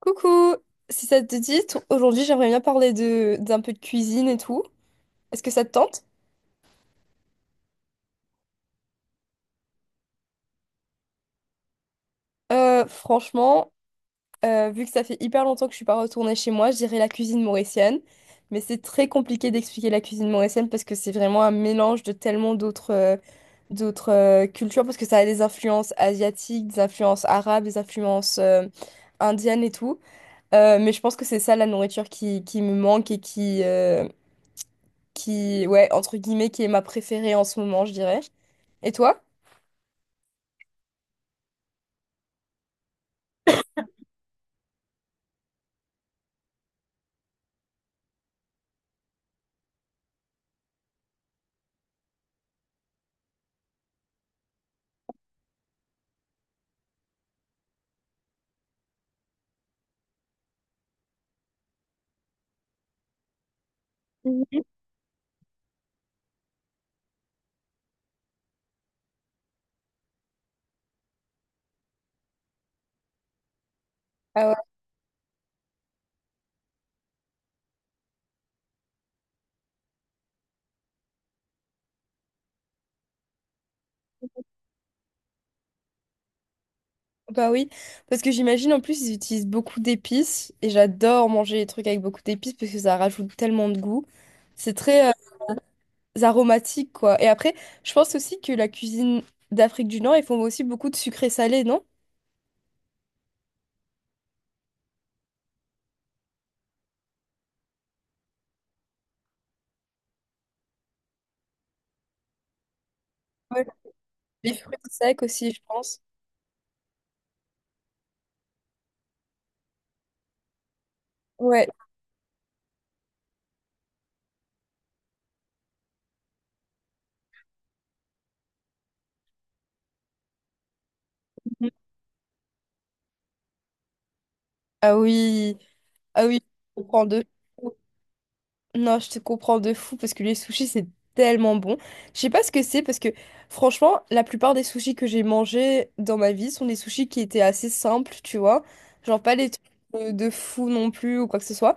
Coucou! Si ça te dit, aujourd'hui j'aimerais bien parler de d'un peu de cuisine et tout. Est-ce que ça te tente? Franchement, vu que ça fait hyper longtemps que je suis pas retournée chez moi, je dirais la cuisine mauricienne. Mais c'est très compliqué d'expliquer la cuisine mauricienne parce que c'est vraiment un mélange de tellement d'autres d'autres cultures parce que ça a des influences asiatiques, des influences arabes, des influences indiennes et tout. Mais je pense que c'est ça la nourriture qui me manque et qui, ouais, entre guillemets, qui est ma préférée en ce moment, je dirais. Et toi? Mhm. Ah ouais, bah oui, parce que j'imagine en plus ils utilisent beaucoup d'épices et j'adore manger les trucs avec beaucoup d'épices parce que ça rajoute tellement de goût. C'est très aromatique quoi. Et après, je pense aussi que la cuisine d'Afrique du Nord, ils font aussi beaucoup de sucré salé, non? Ouais. Les fruits secs aussi, je pense. Ouais. Ah oui, ah oui, on prend deux. Non, je te comprends de fou parce que les sushis, c'est tellement bon. Je sais pas ce que c'est parce que franchement, la plupart des sushis que j'ai mangés dans ma vie sont des sushis qui étaient assez simples, tu vois. Genre pas les trucs de fou non plus ou quoi que ce soit.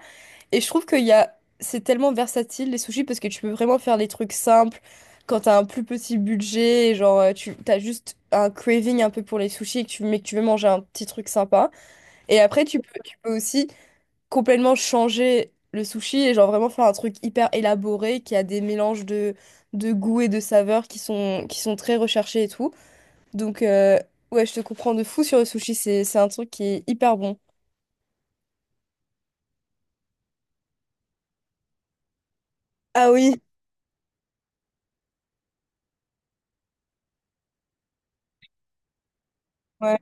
Et je trouve qu'il y a c'est tellement versatile les sushis parce que tu peux vraiment faire des trucs simples quand t'as un plus petit budget, et genre tu t'as juste un craving un peu pour les sushis et que tu mais que tu veux manger un petit truc sympa. Et après, tu peux aussi complètement changer le sushi et genre vraiment faire un truc hyper élaboré qui a des mélanges de goûts et de saveurs qui sont très recherchés et tout. Donc ouais, je te comprends de fou sur le sushi, c'est un truc qui est hyper bon. Ah oui, ouais.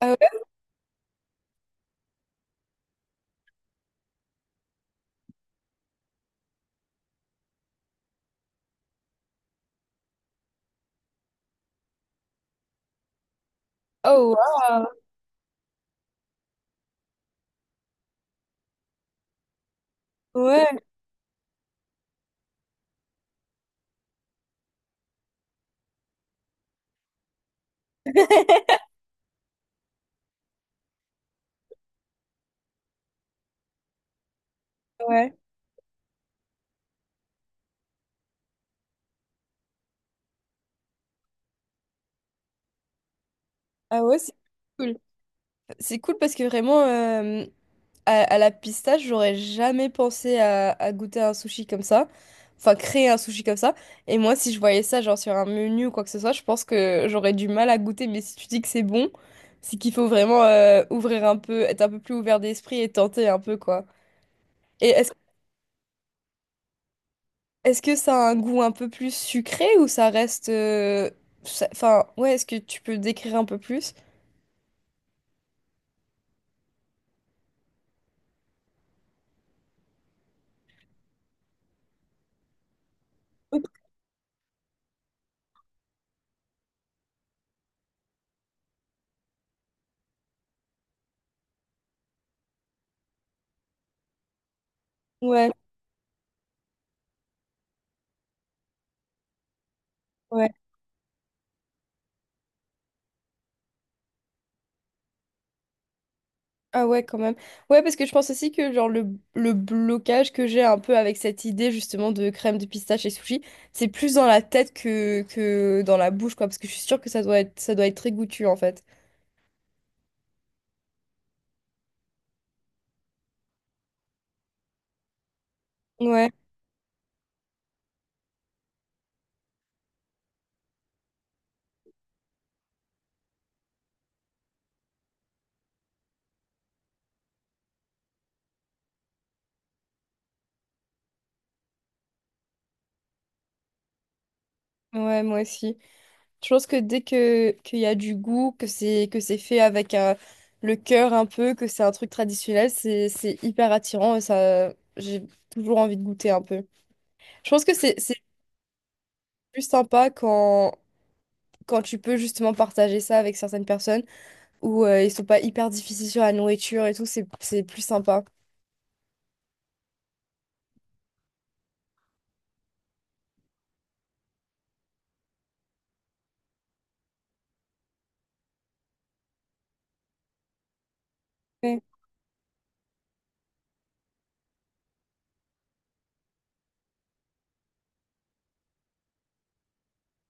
Ah ouais. Oh waouh. Ouais, ouais. Ah ouais, c'est cool. C'est cool parce que vraiment, À, à la pistache, j'aurais jamais pensé à goûter un sushi comme ça. Enfin, créer un sushi comme ça. Et moi, si je voyais ça, genre sur un menu ou quoi que ce soit, je pense que j'aurais du mal à goûter. Mais si tu dis que c'est bon, c'est qu'il faut vraiment ouvrir un peu, être un peu plus ouvert d'esprit et tenter un peu, quoi. Et est-ce, est-ce que ça a un goût un peu plus sucré ou ça reste ça- Enfin, ouais, est-ce que tu peux décrire un peu plus? Ouais, ouais. Ah ouais, quand même. Ouais, parce que je pense aussi que genre le blocage que j'ai un peu avec cette idée justement de crème de pistache et sushi, c'est plus dans la tête que dans la bouche, quoi, parce que je suis sûre que ça doit être très goûtu en fait. Ouais, ouais, moi aussi. Je pense que dès que qu'il y a du goût, que c'est fait avec le cœur un peu, que c'est un truc traditionnel, c'est hyper attirant et ça j'ai toujours envie de goûter un peu. Je pense que c'est plus sympa quand quand tu peux justement partager ça avec certaines personnes où ils sont pas hyper difficiles sur la nourriture et tout, c'est plus sympa. Ouais.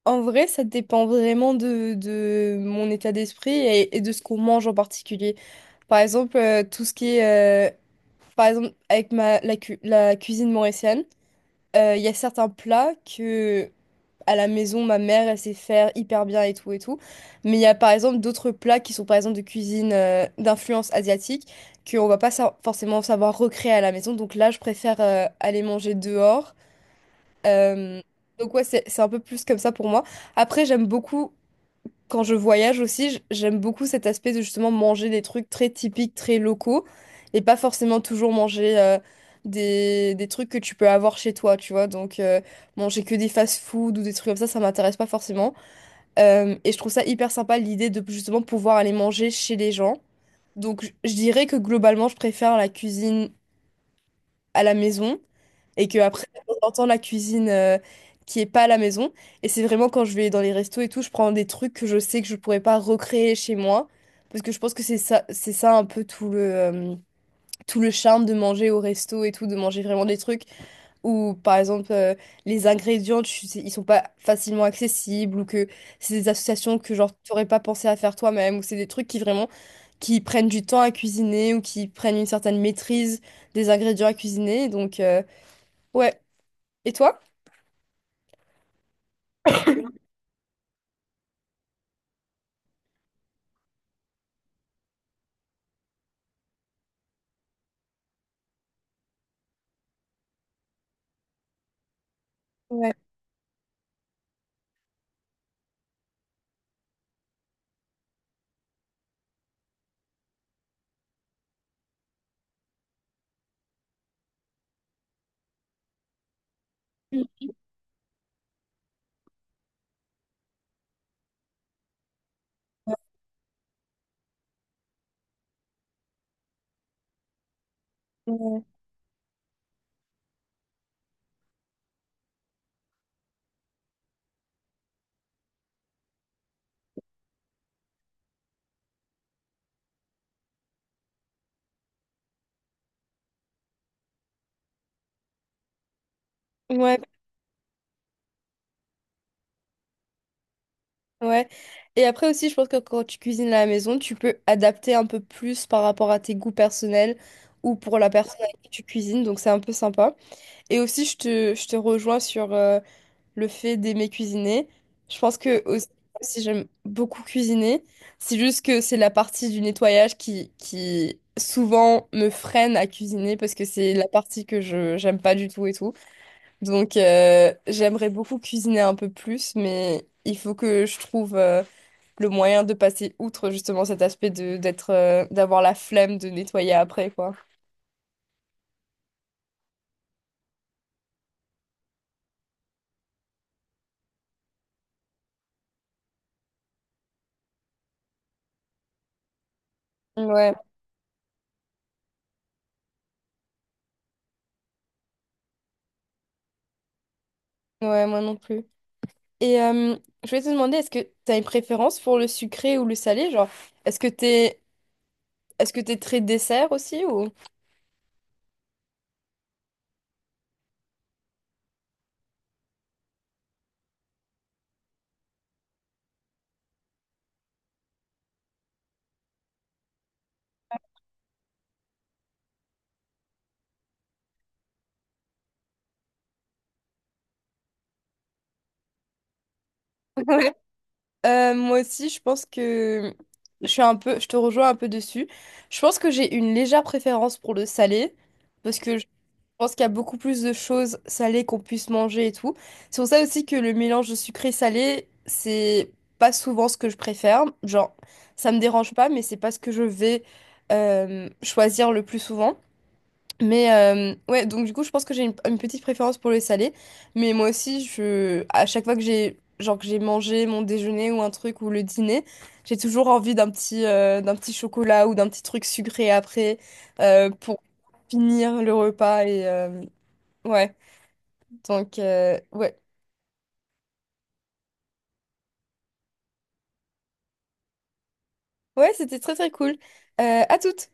En vrai, ça dépend vraiment de mon état d'esprit et de ce qu'on mange en particulier. Par exemple, tout ce qui est par exemple, avec la cuisine mauricienne, il y a certains plats que à la maison, ma mère, elle sait faire hyper bien et tout et tout. Mais il y a par exemple d'autres plats qui sont par exemple de cuisine d'influence asiatique qu'on va pas forcément savoir recréer à la maison. Donc là, je préfère aller manger dehors. Euh, donc ouais, c'est un peu plus comme ça pour moi. Après, j'aime beaucoup, quand je voyage aussi, j'aime beaucoup cet aspect de justement manger des trucs très typiques, très locaux, et pas forcément toujours manger des trucs que tu peux avoir chez toi, tu vois. Donc manger que des fast-food ou des trucs comme ça m'intéresse pas forcément. Et je trouve ça hyper sympa l'idée de justement pouvoir aller manger chez les gens. Donc je dirais que globalement, je préfère la cuisine à la maison et que après j'entends la cuisine qui est pas à la maison et c'est vraiment quand je vais dans les restos et tout je prends des trucs que je sais que je pourrais pas recréer chez moi parce que je pense que c'est ça un peu tout le charme de manger au resto et tout de manger vraiment des trucs ou par exemple les ingrédients tu sais, ils sont pas facilement accessibles ou que c'est des associations que genre t'aurais pas pensé à faire toi-même ou c'est des trucs qui vraiment qui prennent du temps à cuisiner ou qui prennent une certaine maîtrise des ingrédients à cuisiner donc ouais et toi? Ouais. Ouais, ouais. Ouais. Et après aussi, je pense que quand tu cuisines à la maison, tu peux adapter un peu plus par rapport à tes goûts personnels ou pour la personne avec qui tu cuisines, donc c'est un peu sympa. Et aussi, je te rejoins sur, le fait d'aimer cuisiner. Je pense que aussi, même si j'aime beaucoup cuisiner, c'est juste que c'est la partie du nettoyage qui souvent me freine à cuisiner parce que c'est la partie que je j'aime pas du tout et tout. Donc j'aimerais beaucoup cuisiner un peu plus, mais il faut que je trouve le moyen de passer outre justement cet aspect de d'avoir la flemme de nettoyer après quoi. Ouais, ouais, moi non plus. Et je voulais te demander, est-ce que tu as une préférence pour le sucré ou le salé? Genre, est-ce que t'es, est-ce que t'es très dessert aussi ou Ouais. Moi aussi, je pense que je suis un peu, je te rejoins un peu dessus. Je pense que j'ai une légère préférence pour le salé parce que je pense qu'il y a beaucoup plus de choses salées qu'on puisse manger et tout. C'est pour ça aussi que le mélange de sucré-salé, c'est pas souvent ce que je préfère. Genre, ça me dérange pas, mais c'est pas ce que je vais choisir le plus souvent. Mais ouais, donc du coup, je pense que j'ai une petite préférence pour les salés. Mais moi aussi, à chaque fois que j'ai genre que j'ai mangé mon déjeuner ou un truc ou le dîner, j'ai toujours envie d'un petit chocolat ou d'un petit truc sucré après pour finir le repas. Ouais, donc euh, ouais, ouais, c'était très très cool. À toutes!